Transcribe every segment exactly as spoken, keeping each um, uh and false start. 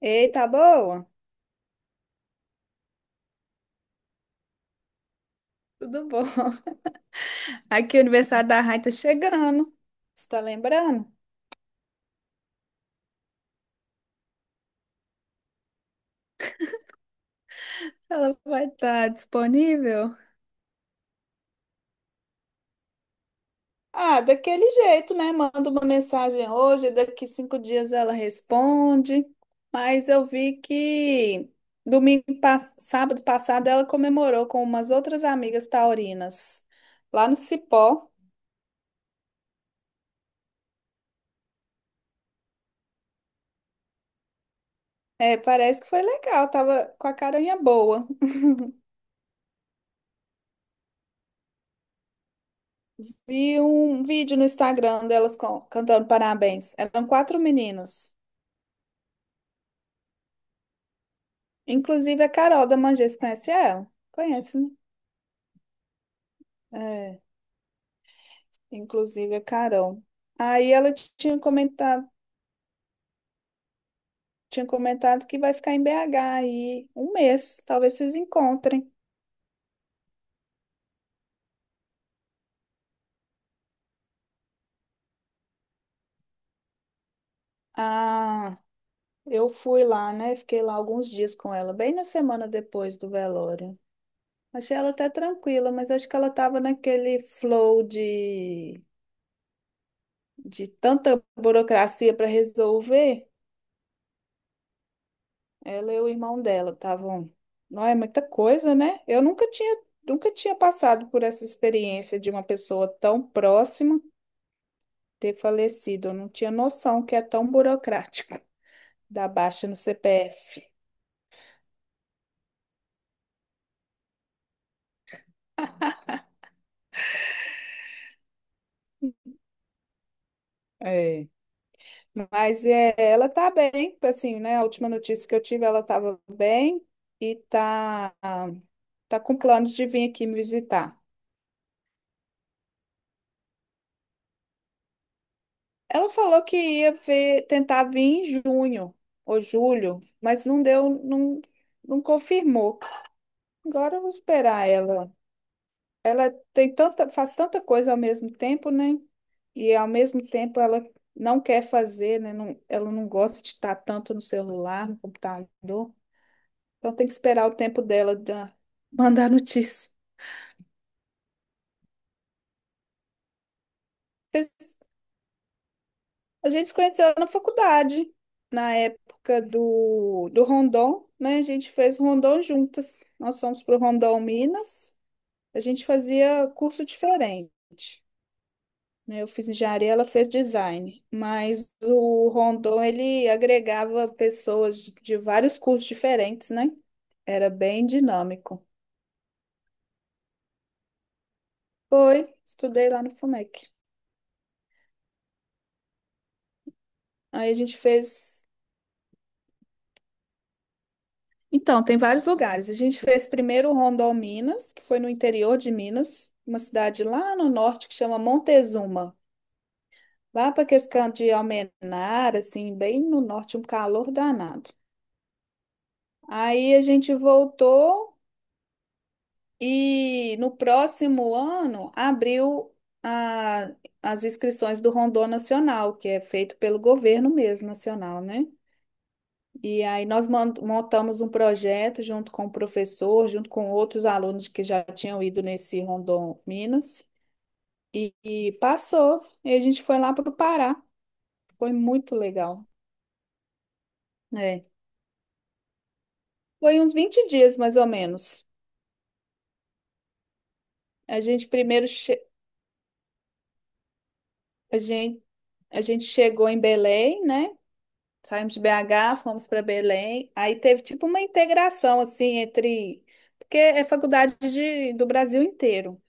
Ei, tá boa? Tudo bom? Aqui o aniversário da Rai tá chegando. Você tá lembrando? Ela vai estar disponível? Ah, daquele jeito, né? Manda uma mensagem hoje, daqui cinco dias ela responde. Mas eu vi que domingo, pass- sábado passado ela comemorou com umas outras amigas taurinas lá no Cipó. É, parece que foi legal, tava com a carinha boa. Vi um vídeo no Instagram delas com- cantando parabéns. Eram quatro meninas. Inclusive a Carol da Mangés, conhece ela? Conhece, né? É, inclusive a Carol. Aí ela tinha comentado, tinha comentado que vai ficar em B agá aí um mês. Talvez vocês encontrem. Ah, eu fui lá, né? Fiquei lá alguns dias com ela, bem na semana depois do velório. Achei ela até tranquila, mas acho que ela tava naquele flow de de tanta burocracia para resolver, ela e o irmão dela estavam. Não é muita coisa, né? Eu nunca tinha, nunca tinha passado por essa experiência de uma pessoa tão próxima ter falecido. Eu não tinha noção que é tão burocrático da baixa no C P F. É. Mas é, ela tá bem, assim, né? A última notícia que eu tive, ela estava bem e tá, tá com planos de vir aqui me visitar. Ela falou que ia ver, tentar vir em junho ou julho, mas não deu, não, não confirmou. Agora eu vou esperar ela. Ela tem tanta, faz tanta coisa ao mesmo tempo, né? E ao mesmo tempo ela não quer fazer, né? Não, ela não gosta de estar tanto no celular, no computador. Então tem que esperar o tempo dela de mandar notícia. A gente se conheceu na faculdade, na época do, do Rondon, né? A gente fez Rondon juntas. Nós fomos para o Rondon Minas. A gente fazia curso diferente, né? Eu fiz engenharia, ela fez design. Mas o Rondon, ele agregava pessoas de vários cursos diferentes, né? Era bem dinâmico. Foi, estudei lá no FUMEC. Aí a gente fez. Então, tem vários lugares. A gente fez primeiro Rondôminas, que foi no interior de Minas, uma cidade lá no norte que chama Montezuma. Lá para aquele canto de Almenara, assim, bem no norte, um calor danado. Aí a gente voltou e no próximo ano abriu a- as inscrições do Rondô Nacional, que é feito pelo governo mesmo, nacional, né? E aí nós mon- montamos um projeto junto com o professor, junto com outros alunos que já tinham ido nesse Rondon Minas, e, e passou. E a gente foi lá para o Pará. Foi muito legal. É. Foi uns vinte dias, mais ou menos. A gente primeiro che- a gente, a gente chegou em Belém, né? Saímos de B agá, fomos para Belém. Aí teve tipo uma integração assim entre porque é faculdade de, do Brasil inteiro.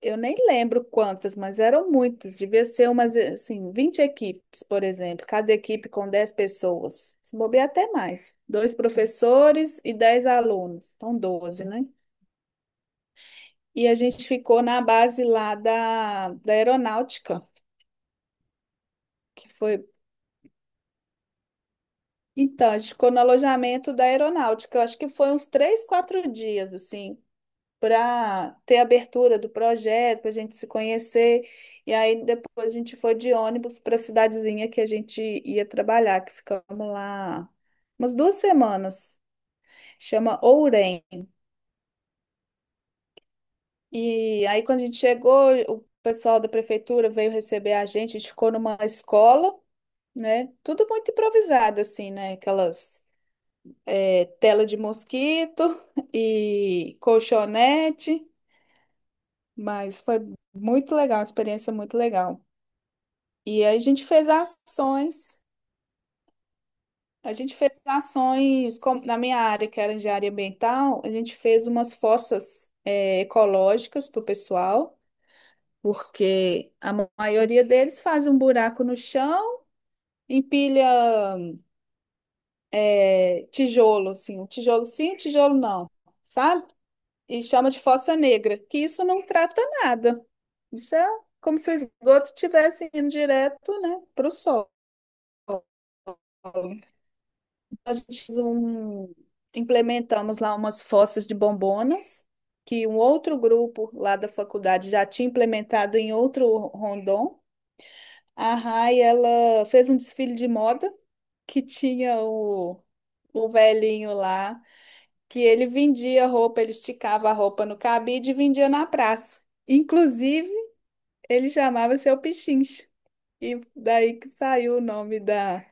Eu nem lembro quantas, mas eram muitas. Devia ser umas, assim, vinte equipes, por exemplo. Cada equipe com dez pessoas. Se bobear até mais. Dois professores e dez alunos. Então, doze, né? E a gente ficou na base lá da, da aeronáutica, que foi... Então, a gente ficou no alojamento da aeronáutica. Eu acho que foi uns três, quatro dias, assim. Para ter abertura do projeto, para a gente se conhecer. E aí depois a gente foi de ônibus para a cidadezinha que a gente ia trabalhar, que ficamos lá umas duas semanas. Chama Ourém. E aí quando a gente chegou, o pessoal da prefeitura veio receber a gente, a gente ficou numa escola, né? Tudo muito improvisado assim, né? Aquelas é, tela de mosquito e colchonete, mas foi muito legal, uma experiência muito legal. E aí a gente fez ações, a gente fez ações como na minha área, que era engenharia ambiental, a gente fez umas fossas eh, ecológicas para o pessoal, porque a ma- maioria deles faz um buraco no chão, empilha eh, tijolo, assim, um tijolo sim, um tijolo não, sabe? E chama de fossa negra, que isso não trata nada. Isso é como se o esgoto estivesse indo direto, né, para o solo. A gente fez um, implementamos lá umas fossas de bombonas, que um outro grupo lá da faculdade já tinha implementado em outro rondon. A Rai, ela fez um desfile de moda que tinha o, o velhinho lá, que ele vendia roupa, ele esticava a roupa no cabide e vendia na praça. Inclusive, ele chamava Seu Pichincha. E daí que saiu o nome da,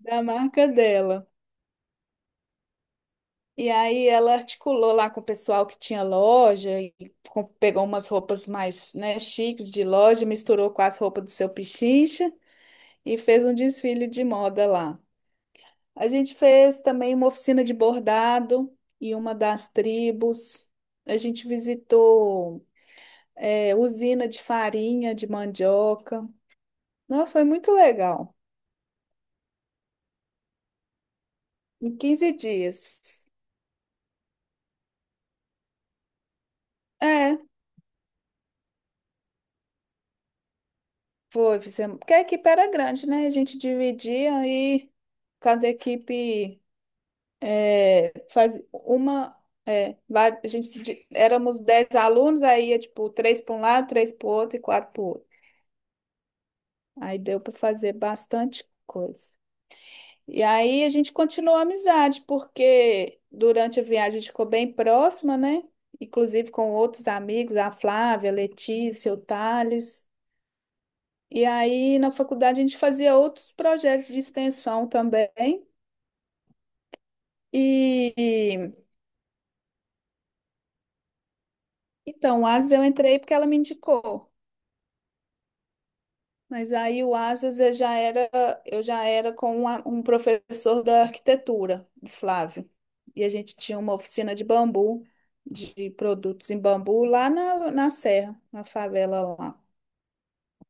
da marca dela. E aí ela articulou lá com o pessoal que tinha loja e com- pegou umas roupas mais, né, chiques de loja, misturou com as roupas do seu Pichincha e fez um desfile de moda lá. A gente fez também uma oficina de bordado e uma das tribos. A gente visitou, é, usina de farinha de mandioca. Nossa, foi muito legal. Em quinze dias. É. Foi, fizemos. Porque a equipe era grande, né? A gente dividia e cada equipe é, faz uma. é, va- a gente di- éramos dez alunos, aí ia tipo três para um lado, três para o outro e quatro para o outro. Aí deu para fazer bastante coisa. E aí a gente continuou a amizade, porque durante a viagem a gente ficou bem próxima, né? Inclusive com outros amigos, a Flávia, a Letícia, o Thales. E aí, na faculdade, a gente fazia outros projetos de extensão também. E e, então, o Asas eu entrei porque ela me indicou. Mas aí o Asas eu já era, eu já era com um, a- um professor da arquitetura, o Flávio. E a gente tinha uma oficina de bambu, de produtos em bambu, lá na, na Serra, na favela lá.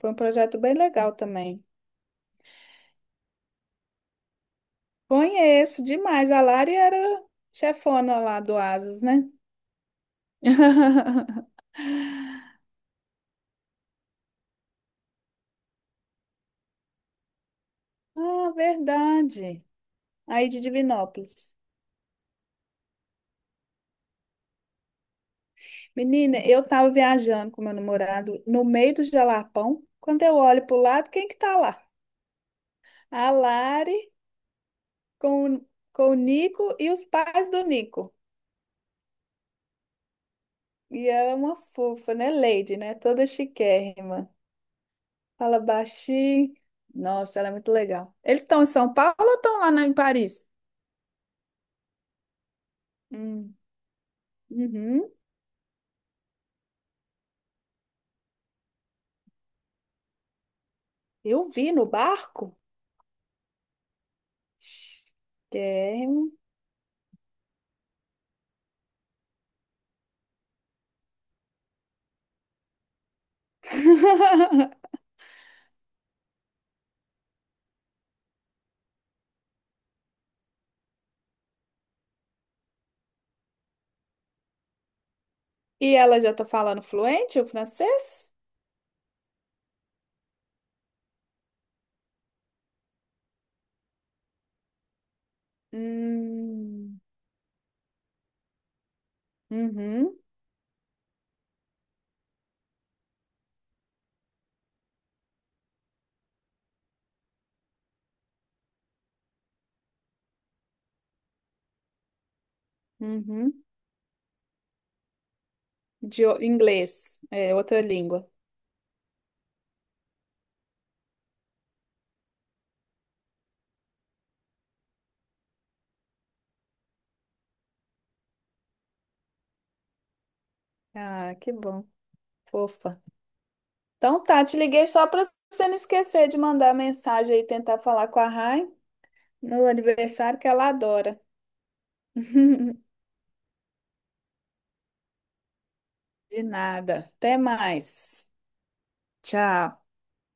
Foi um projeto bem legal também. Conheço demais. A Lari era chefona lá do Asas, né? Ah, verdade. Aí de Divinópolis. Menina, eu tava viajando com meu namorado no meio do Jalapão. Quando eu olho pro lado, quem que tá lá? A Lari com, o- com o Nico e os pais do Nico. E ela é uma fofa, né? Lady, né? Toda chiquérrima. Fala baixinho. Nossa, ela é muito legal. Eles estão em São Paulo ou estão lá na- em Paris? Hum, uhum. Eu vi no barco. Chiquérrima. E ela já tá falando fluente o francês? Hum, uhum, uhum. De o- inglês, é outra língua. Ah, que bom, fofa. Então tá, te liguei só para você não esquecer de mandar mensagem aí, tentar falar com a Rai no aniversário que ela adora. De nada. Até mais. Tchau.